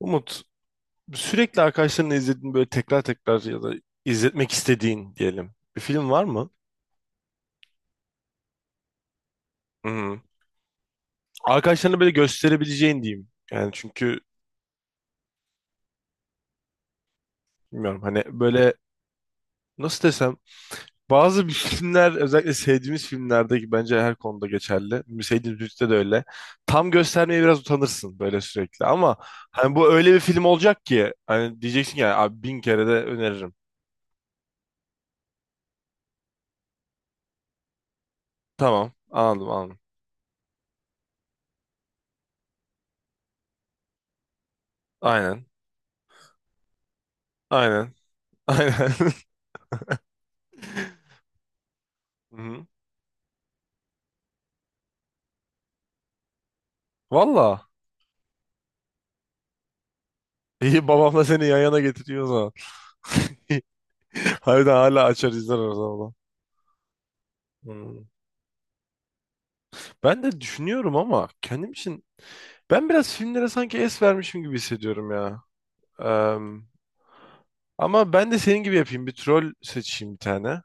Umut, sürekli arkadaşlarınla izlediğin böyle tekrar tekrar ya da izletmek istediğin diyelim bir film var mı? Hı. Arkadaşlarına böyle gösterebileceğin diyeyim. Yani çünkü bilmiyorum hani böyle nasıl desem bazı bir filmler özellikle sevdiğimiz filmlerdeki bence her konuda geçerli. Sevdiğimiz müzikte de öyle. Tam göstermeye biraz utanırsın böyle sürekli ama hani bu öyle bir film olacak ki hani diyeceksin ki yani abi bin kere de öneririm. Tamam, anladım. Aynen, aynen. Aynen. Hı hı. Valla. İyi, babamla seni yan yana getiriyor o zaman. Harbiden hala açar izler o zaman. Hmm. Ben de düşünüyorum ama kendim için ben biraz filmlere sanki es vermişim gibi hissediyorum ya. Em, Ama ben de senin gibi yapayım. Bir troll seçeyim bir tane.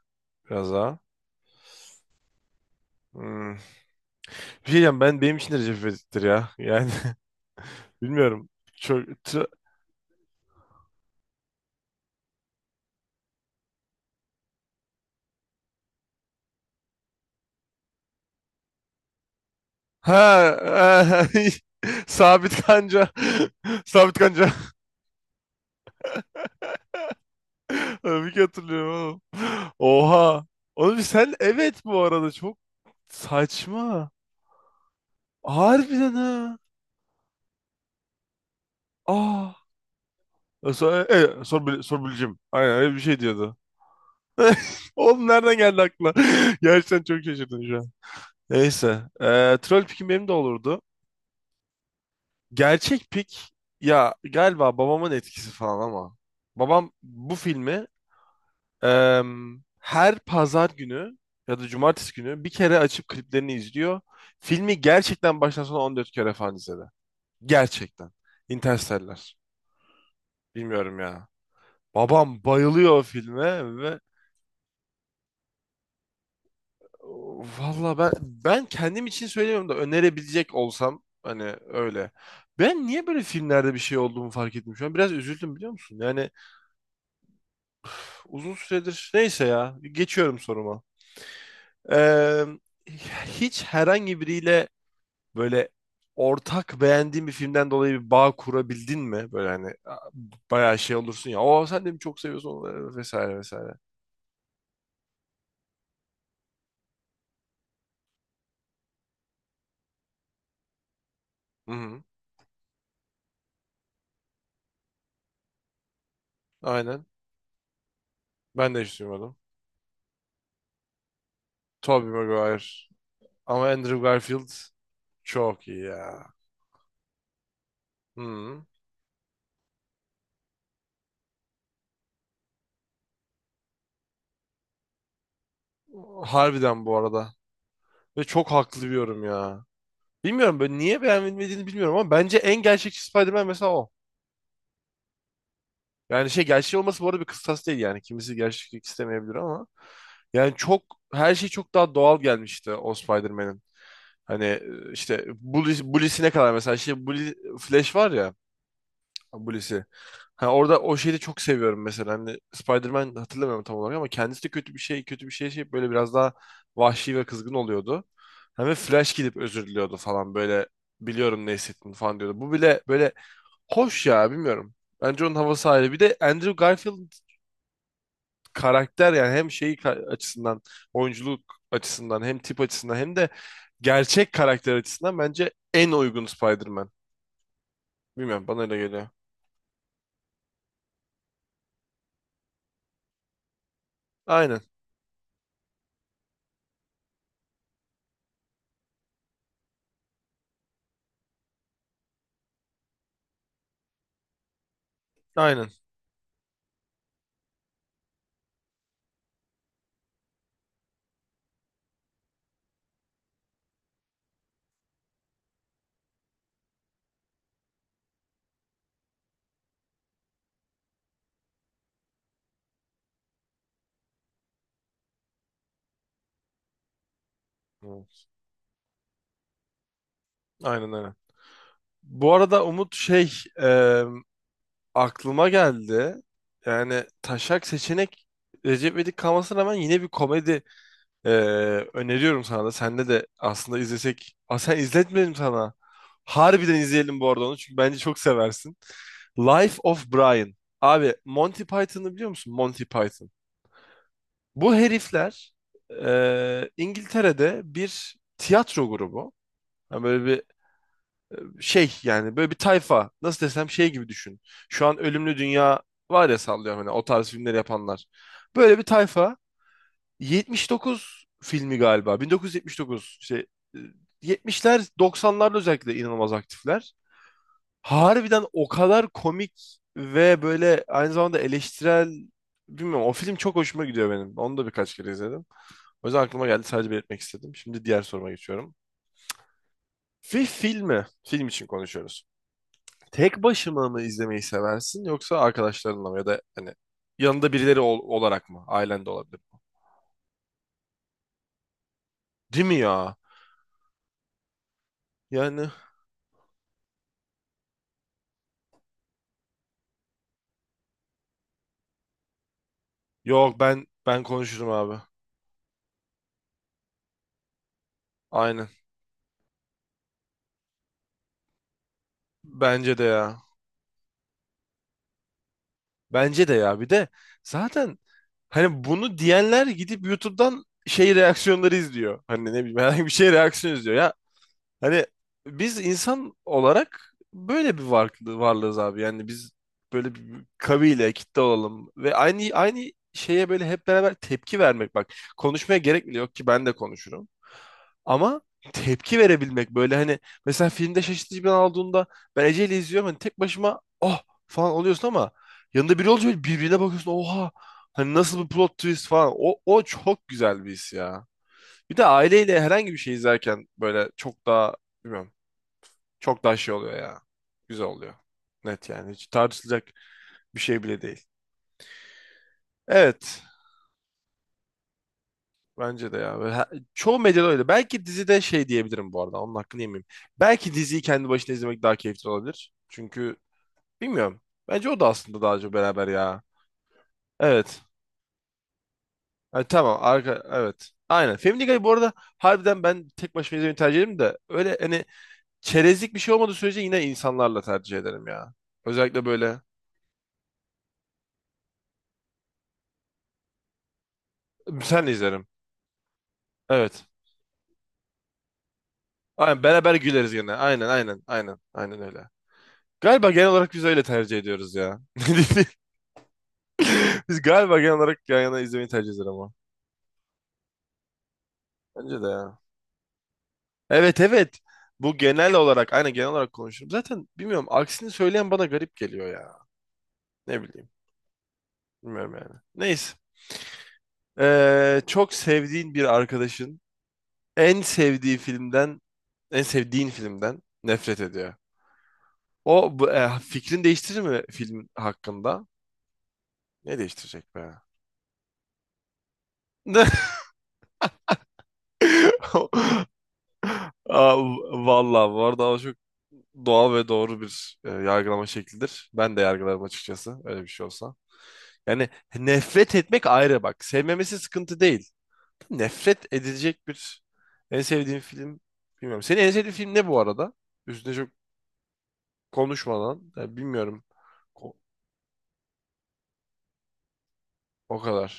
Biraz daha. Hmm. Bir şey diyeceğim, ben benim için de Recep İvedik'tir ya. Yani bilmiyorum. Çok, tro- ha, Sabit Kanca. Sabit Kanca. Tabii ki hatırlıyorum oğlum. Oha. Oğlum, sen evet bu arada çok saçma. Harbiden ha. Ah. Sonra, sorbileceğim. Aynen öyle bir şey diyordu. Oğlum, nereden geldi aklına? Gerçekten çok şaşırdım şu an. Neyse. Troll pikim benim de olurdu. Gerçek pik ya, galiba babamın etkisi falan ama. Babam bu filmi, her pazar günü ya da cumartesi günü bir kere açıp kliplerini izliyor. Filmi gerçekten baştan sona 14 kere falan izledi. Gerçekten. Interstellar. Bilmiyorum ya. Babam bayılıyor o filme ve valla ben, kendim için söylemiyorum da önerebilecek olsam hani öyle. Ben niye böyle filmlerde bir şey olduğumu fark ettim şu an. Biraz üzüldüm, biliyor musun? Yani uzun süredir, neyse ya, geçiyorum soruma. Em, Hiç herhangi biriyle böyle ortak beğendiğin bir filmden dolayı bir bağ kurabildin mi? Böyle hani bayağı şey olursun ya. "O sen de mi çok seviyorsun onu?" vesaire vesaire. Hı hı. Aynen. Ben de hiç duymadım. Tobey Maguire. Ama Andrew Garfield çok iyi ya. Hı. Harbiden bu arada. Ve çok haklı bir yorum ya. Bilmiyorum, böyle niye beğenmediğini bilmiyorum ama bence en gerçekçi Spider-Man mesela o. Yani şey, gerçek olması bu arada bir kıstas değil yani. Kimisi gerçeklik istemeyebilir ama yani çok, her şey çok daha doğal gelmişti o Spider-Man'in. Hani işte Bully, Bully'sine kadar mesela şey, Bully, Flash var ya, Bully'si. Ha, orada o şeyi de çok seviyorum mesela. Hani Spider-Man, hatırlamıyorum tam olarak ama kendisi de kötü bir şey, kötü bir şey, şey böyle biraz daha vahşi ve kızgın oluyordu. Hani Flash gidip özür diliyordu falan, böyle biliyorum ne hissettin falan diyordu. Bu bile böyle hoş ya, bilmiyorum. Bence onun havası ayrı. Bir de Andrew Garfield karakter, yani hem şeyi açısından, oyunculuk açısından, hem tip açısından hem de gerçek karakter açısından bence en uygun Spider-Man. Bilmiyorum, bana öyle geliyor. Aynen. Aynen. Hı. Aynen, aynen. Bu arada Umut, şey, e, aklıma geldi. Yani taşak seçenek Recep İvedik kalmasına rağmen yine bir komedi. Ee, Öneriyorum sana da. Senle de aslında izlesek. Aa, sen, izletmedim sana. Harbiden izleyelim bu arada onu. Çünkü bence çok seversin. Life of Brian. Abi, Monty Python'ı biliyor musun? Monty Python. Bu herifler İngiltere'de bir tiyatro grubu. Yani böyle bir şey, yani böyle bir tayfa. Nasıl desem, şey gibi düşün. Şu an Ölümlü Dünya var ya, sallıyorum, hani o tarz filmleri yapanlar. Böyle bir tayfa. 79 filmi galiba. 1979 şey, e, 70'ler, 90'larda özellikle inanılmaz aktifler. Harbiden o kadar komik ve böyle aynı zamanda eleştirel, bilmiyorum, o film çok hoşuma gidiyor benim. Onu da birkaç kere izledim. O yüzden aklıma geldi, sadece belirtmek istedim. Şimdi diğer soruma geçiyorum. Bir filmi, film için konuşuyoruz. Tek başıma mı izlemeyi seversin yoksa arkadaşlarınla mı, ya da hani yanında birileri olarak mı? Ailen de olabilir. Değil mi ya? Yani, yok, ben, konuşurum abi. Aynen. Bence de ya. Bence de ya. Bir de zaten hani bunu diyenler gidip YouTube'dan şey reaksiyonları izliyor. Hani ne bileyim, herhangi bir şey reaksiyon izliyor ya. Hani biz insan olarak böyle bir varlığı, varlığız abi. Yani biz böyle bir kabile, kitle olalım ve aynı şeye böyle hep beraber tepki vermek, bak. Konuşmaya gerek bile yok ki, ben de konuşurum. Ama tepki verebilmek böyle, hani mesela filmde şaşırtıcı bir an aldığında ben Ece ile izliyorum, hani tek başıma "oh" falan oluyorsun ama yanında biri olunca böyle birbirine bakıyorsun, "oha, hani nasıl bir plot twist" falan, o, o çok güzel bir his ya. Bir de aileyle herhangi bir şey izlerken böyle çok daha, bilmiyorum, çok daha şey oluyor ya, güzel oluyor, net yani, hiç tartışılacak bir şey bile değil. Evet. Bence de ya. Ve çoğu medyada öyle. Belki dizide şey diyebilirim bu arada. Onun hakkını yemeyeyim. Belki diziyi kendi başına izlemek daha keyifli olabilir. Çünkü bilmiyorum. Bence o da aslında daha çok beraber ya. Evet. Ha, tamam. Evet. Aynen. Family Guy bu arada, harbiden ben tek başıma izlemeyi tercih ederim de öyle hani, çerezlik bir şey olmadığı sürece yine insanlarla tercih ederim ya. Özellikle böyle. Senle izlerim. Evet. Aynen. Beraber güleriz gene. Aynen. Aynen öyle. Galiba genel olarak biz öyle tercih ediyoruz ya. Biz galiba genel olarak yan yana izlemeyi tercih ederiz ama. Bence de ya. Evet, evet. Bu genel olarak, aynen, genel olarak konuşurum. Zaten bilmiyorum, aksini söyleyen bana garip geliyor ya. Ne bileyim. Bilmiyorum yani. Neyse. Çok sevdiğin bir arkadaşın en sevdiği filmden, en sevdiğin filmden nefret ediyor. Fikrin değiştirir mi film hakkında? Ne değiştirecek be? Aa, vallahi bu arada o çok doğal ve doğru bir yargılama şeklidir. Ben de yargılarım açıkçası, öyle bir şey olsa. Yani nefret etmek ayrı, bak. Sevmemesi sıkıntı değil. Nefret edilecek bir en sevdiğin film, bilmiyorum. Senin en sevdiğin film ne bu arada? Üstüne çok konuşmadan yani, bilmiyorum. O, o kadar.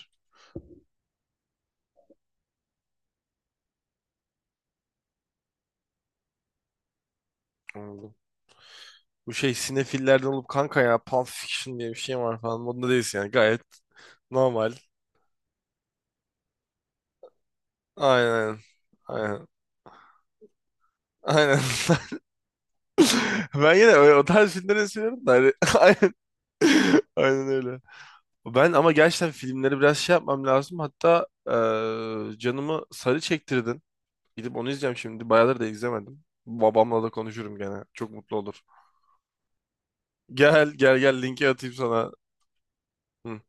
Anladım. Bu şey, sinefillerden olup, "kanka ya Pulp Fiction diye bir şey var" falan modunda değilsin, yani gayet normal. Aynen. Aynen. Aynen. Ben yine öyle, o tarz filmleri seviyorum da hani, aynen. Aynen öyle. Ben ama gerçekten filmleri biraz şey yapmam lazım. Hatta canımı sarı çektirdin. Gidip onu izleyeceğim şimdi. Bayağıdır da izlemedim. Babamla da konuşurum gene. Çok mutlu olur. Gel, linki atayım sana. Hı.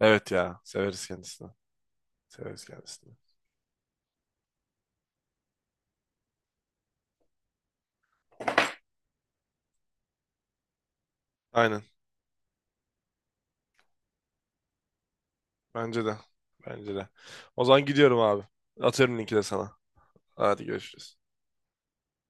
Evet ya. Severiz kendisini. Severiz kendisini. Aynen. Bence de. Bence de. O zaman gidiyorum abi. Atıyorum linki de sana. Hadi, görüşürüz.